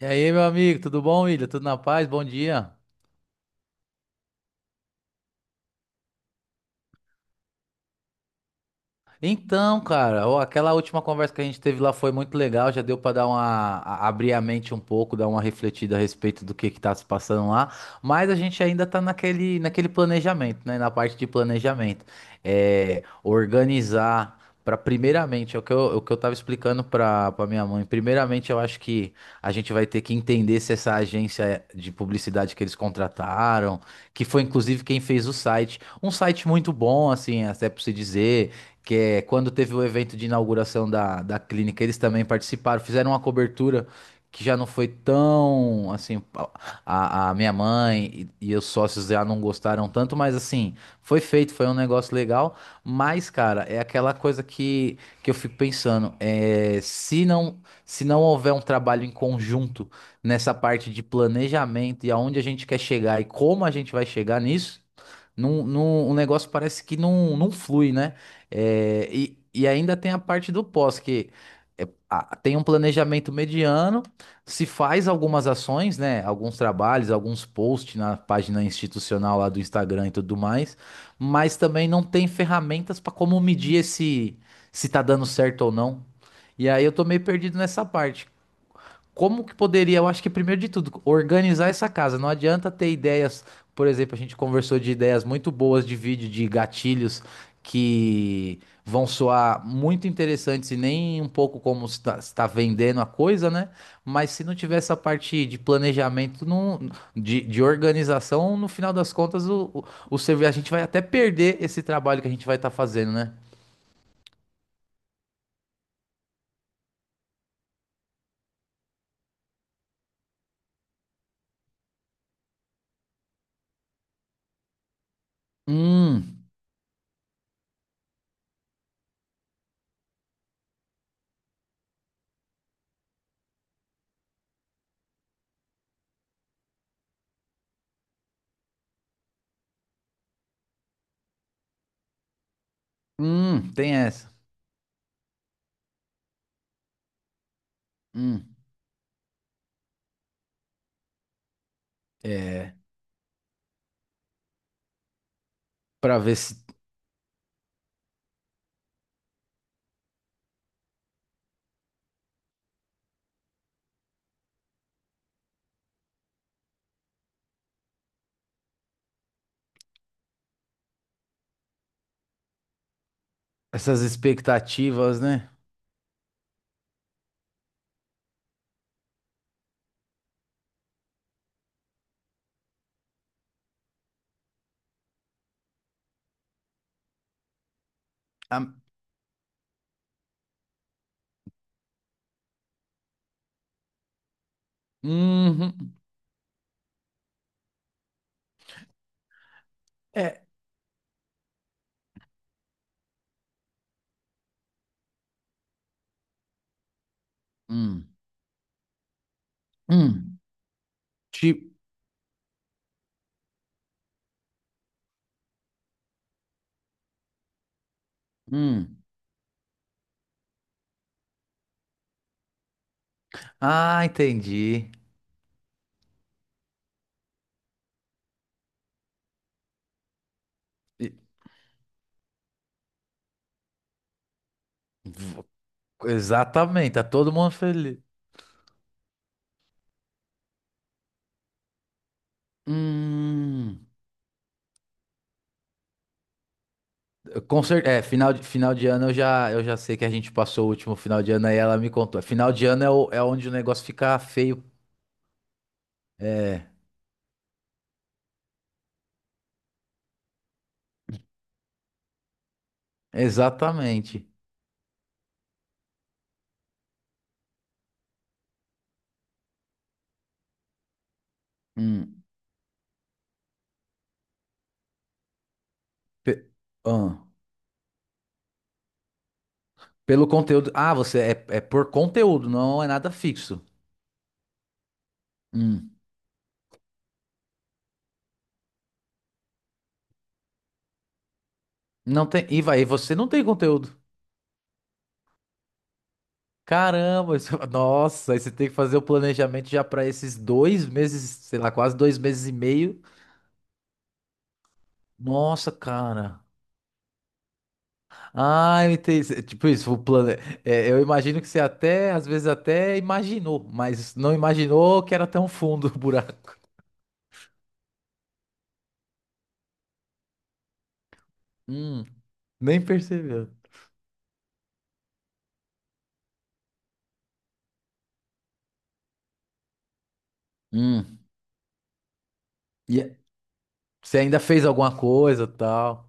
E aí, meu amigo, tudo bom, William? Tudo na paz? Bom dia. Então, cara, ó, aquela última conversa que a gente teve lá foi muito legal, já deu pra dar uma abrir a mente um pouco, dar uma refletida a respeito do que tá se passando lá, mas a gente ainda tá naquele planejamento, né, na parte de planejamento. É, organizar pra primeiramente, é o que eu tava explicando pra para minha mãe. Primeiramente, eu acho que a gente vai ter que entender se essa agência de publicidade que eles contrataram, que foi inclusive quem fez o site, um site muito bom, assim, até pra se dizer que é quando teve o evento de inauguração da clínica, eles também participaram, fizeram uma cobertura que já não foi tão assim. A minha mãe e os sócios já não gostaram tanto, mas assim, foi feito, foi um negócio legal. Mas, cara, é aquela coisa que eu fico pensando, se não houver um trabalho em conjunto nessa parte de planejamento e aonde a gente quer chegar e como a gente vai chegar nisso. O negócio parece que não flui, né? É, e ainda tem a parte do pós, que tem um planejamento mediano, se faz algumas ações, né? Alguns trabalhos, alguns posts na página institucional lá do Instagram e tudo mais, mas também não tem ferramentas para como medir esse, se tá dando certo ou não. E aí eu tô meio perdido nessa parte. Como que poderia, eu acho que primeiro de tudo, organizar essa casa. Não adianta ter ideias, por exemplo, a gente conversou de ideias muito boas de vídeo, de gatilhos que vão soar muito interessantes e nem um pouco como está vendendo a coisa, né? Mas se não tiver essa parte de planejamento, não, de organização, no final das contas, a gente vai até perder esse trabalho que a gente vai estar fazendo, né? Hum, tem essa. Hum, é, para ver se. Essas expectativas, né? Ah, uhum. É. Hum. Hum. Tipo. Hum. Ah, entendi. E- v- Exatamente, tá todo mundo feliz. Hum. É, final de ano eu já sei que a gente passou o último final de ano aí, ela me contou. Final de ano é onde o negócio fica feio. É, exatamente. Hum. Pe- ah, Pelo conteúdo. Ah, você é por conteúdo, não é nada fixo. Hum. Não tem. E você não tem conteúdo. Caramba, nossa, aí você tem que fazer o planejamento já pra esses 2 meses, sei lá, quase 2 meses e meio. Nossa, cara. Ah, eu entendi. Tipo isso, o plano. É, eu imagino que você até, às vezes até imaginou, mas não imaginou que era tão fundo o buraco. Hum, nem percebeu. Hum. E é- você ainda fez alguma coisa, tal.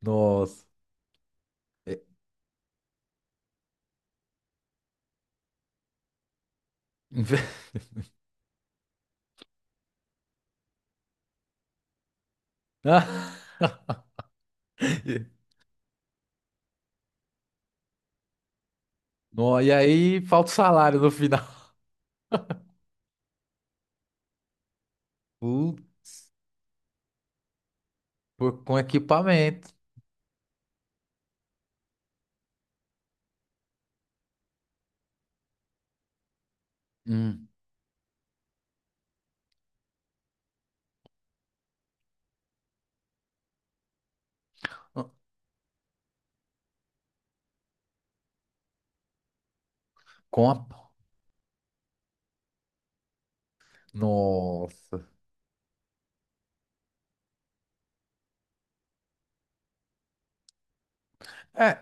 Nossa. É, Ah, e No, e aí falta o salário no final. Pu- com equipamento. Hum. Com a. Nossa. É,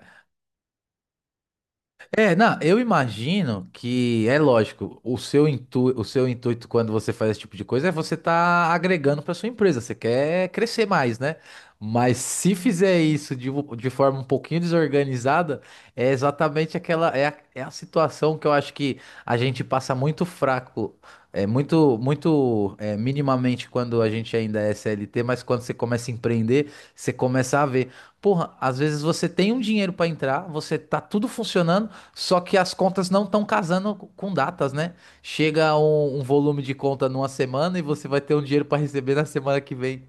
É, não, eu imagino que é lógico, o seu intuito quando você faz esse tipo de coisa é você tá agregando para sua empresa, você quer crescer mais, né? Mas se fizer isso de, de forma um pouquinho desorganizada, é exatamente aquela é a situação que eu acho que a gente passa muito fraco, é muito muito minimamente quando a gente ainda é CLT, mas quando você começa a empreender, você começa a ver, porra, às vezes você tem um dinheiro para entrar, você tá tudo funcionando só que as contas não estão casando com datas, né? Chega um volume de conta numa semana e você vai ter um dinheiro para receber na semana que vem.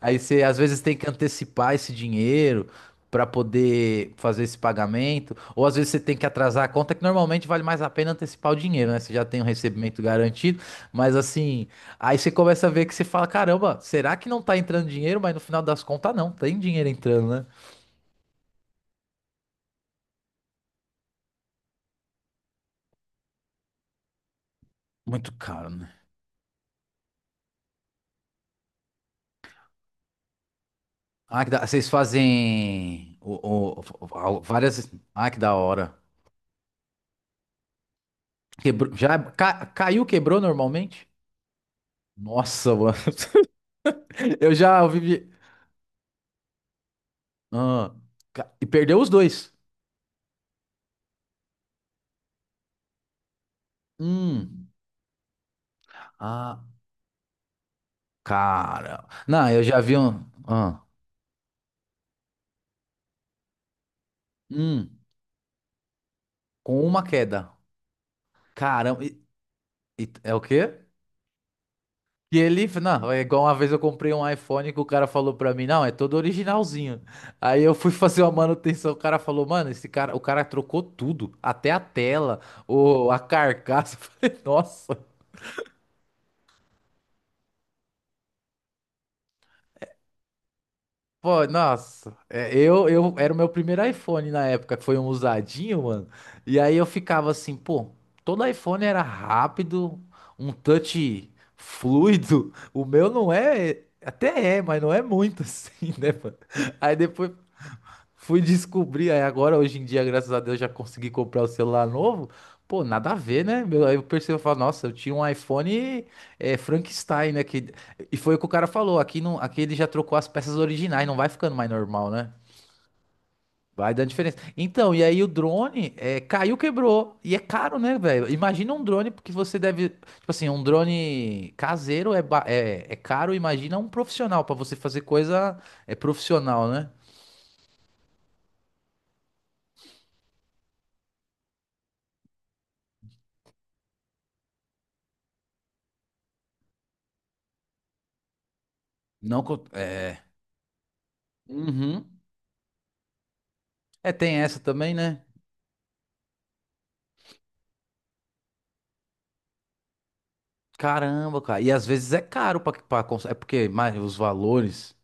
Aí você às vezes tem que antecipar esse dinheiro para poder fazer esse pagamento, ou às vezes você tem que atrasar a conta, que normalmente vale mais a pena antecipar o dinheiro, né? Você já tem o recebimento garantido, mas assim, aí você começa a ver que você fala, caramba, será que não tá entrando dinheiro? Mas no final das contas não, tem dinheiro entrando, né? Muito caro, né? Ah, que da. Vocês fazem várias. Ah, que da hora. Quebrou. Já caiu, quebrou normalmente? Nossa, mano. Eu já ouvi. Ah, E perdeu os dois. Hum. Ah, cara. Não, eu já vi um. Ah. Hum. Com uma queda. Caramba. É o quê? E ele, não, é igual uma vez eu comprei um iPhone que o cara falou pra mim, não, é todo originalzinho. Aí eu fui fazer uma manutenção, o cara falou, mano, esse cara, o cara trocou tudo, até a tela, a carcaça. Eu falei, nossa, pô, nossa. É, eu era o meu primeiro iPhone na época, que foi um usadinho, mano. E aí eu ficava assim, pô, todo iPhone era rápido, um touch fluido. O meu não é, até é, mas não é muito assim, né, mano? Aí depois fui descobrir, aí agora hoje em dia, graças a Deus, já consegui comprar o celular novo. Pô, nada a ver, né? Meu. Aí eu percebo, eu falo, nossa, eu tinha um iPhone, Frankenstein, né? Que. E foi o que o cara falou, aqui, não, aqui ele já trocou as peças originais, não vai ficando mais normal, né? Vai dando diferença. Então, e aí o drone, caiu, quebrou. E é caro, né, velho? Imagina um drone, porque você deve. Tipo assim, um drone caseiro é caro, imagina um profissional, pra você fazer coisa é profissional, né? Não. É. Uhum. É, tem essa também, né? Caramba, cara. E às vezes é caro, é porque mas, os valores.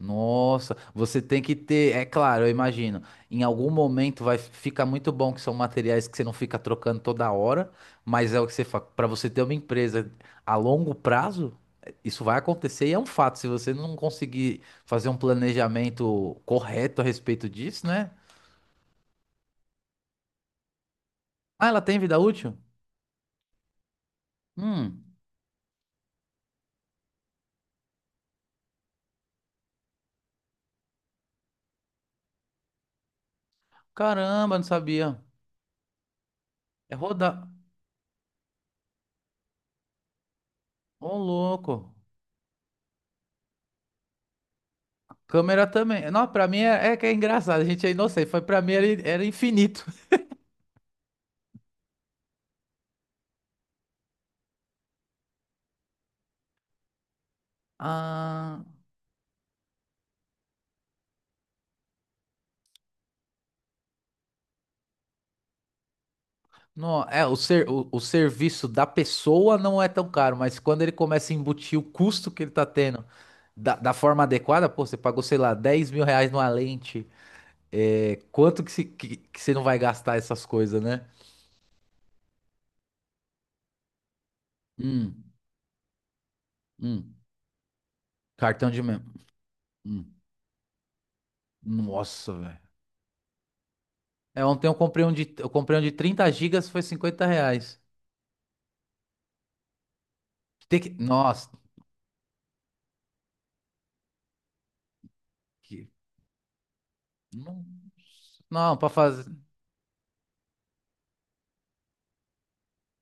Nossa, você tem que ter. É claro, eu imagino. Em algum momento vai ficar muito bom que são materiais que você não fica trocando toda hora, mas é o que você fala. Pra você ter uma empresa a longo prazo, isso vai acontecer e é um fato. Se você não conseguir fazer um planejamento correto a respeito disso, né? Ah, ela tem vida útil? Hum, caramba, não sabia. É rodar. Ô, louco. Câmera também. Não, pra mim é, é que é engraçado. A gente é inocente. Foi pra mim era infinito. Ah, não, o serviço da pessoa não é tão caro, mas quando ele começa a embutir o custo que ele tá tendo da forma adequada, pô, você pagou, sei lá, R$ 10.000 numa lente. É, quanto que, se, que você não vai gastar essas coisas, né? Hum, hum. Cartão de memória. Nossa, velho. É, ontem eu comprei um de 30 gigas, foi R$ 50. Tem que, nossa, que- não, não, para fazer,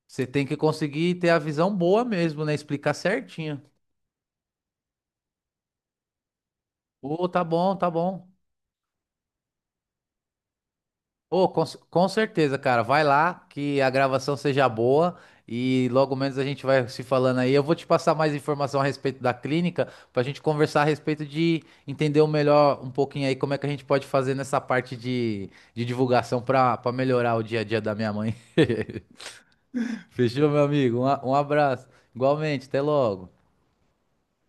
você tem que conseguir ter a visão boa mesmo, né? Explicar certinho. Ô, tá bom, tá bom. Ô, com certeza, cara. Vai lá, que a gravação seja boa e logo menos a gente vai se falando aí. Eu vou te passar mais informação a respeito da clínica pra gente conversar a respeito de entender o melhor um pouquinho aí como é que a gente pode fazer nessa parte de divulgação pra para melhorar o dia a dia da minha mãe. Fechou, meu amigo? Um abraço. Igualmente, até logo.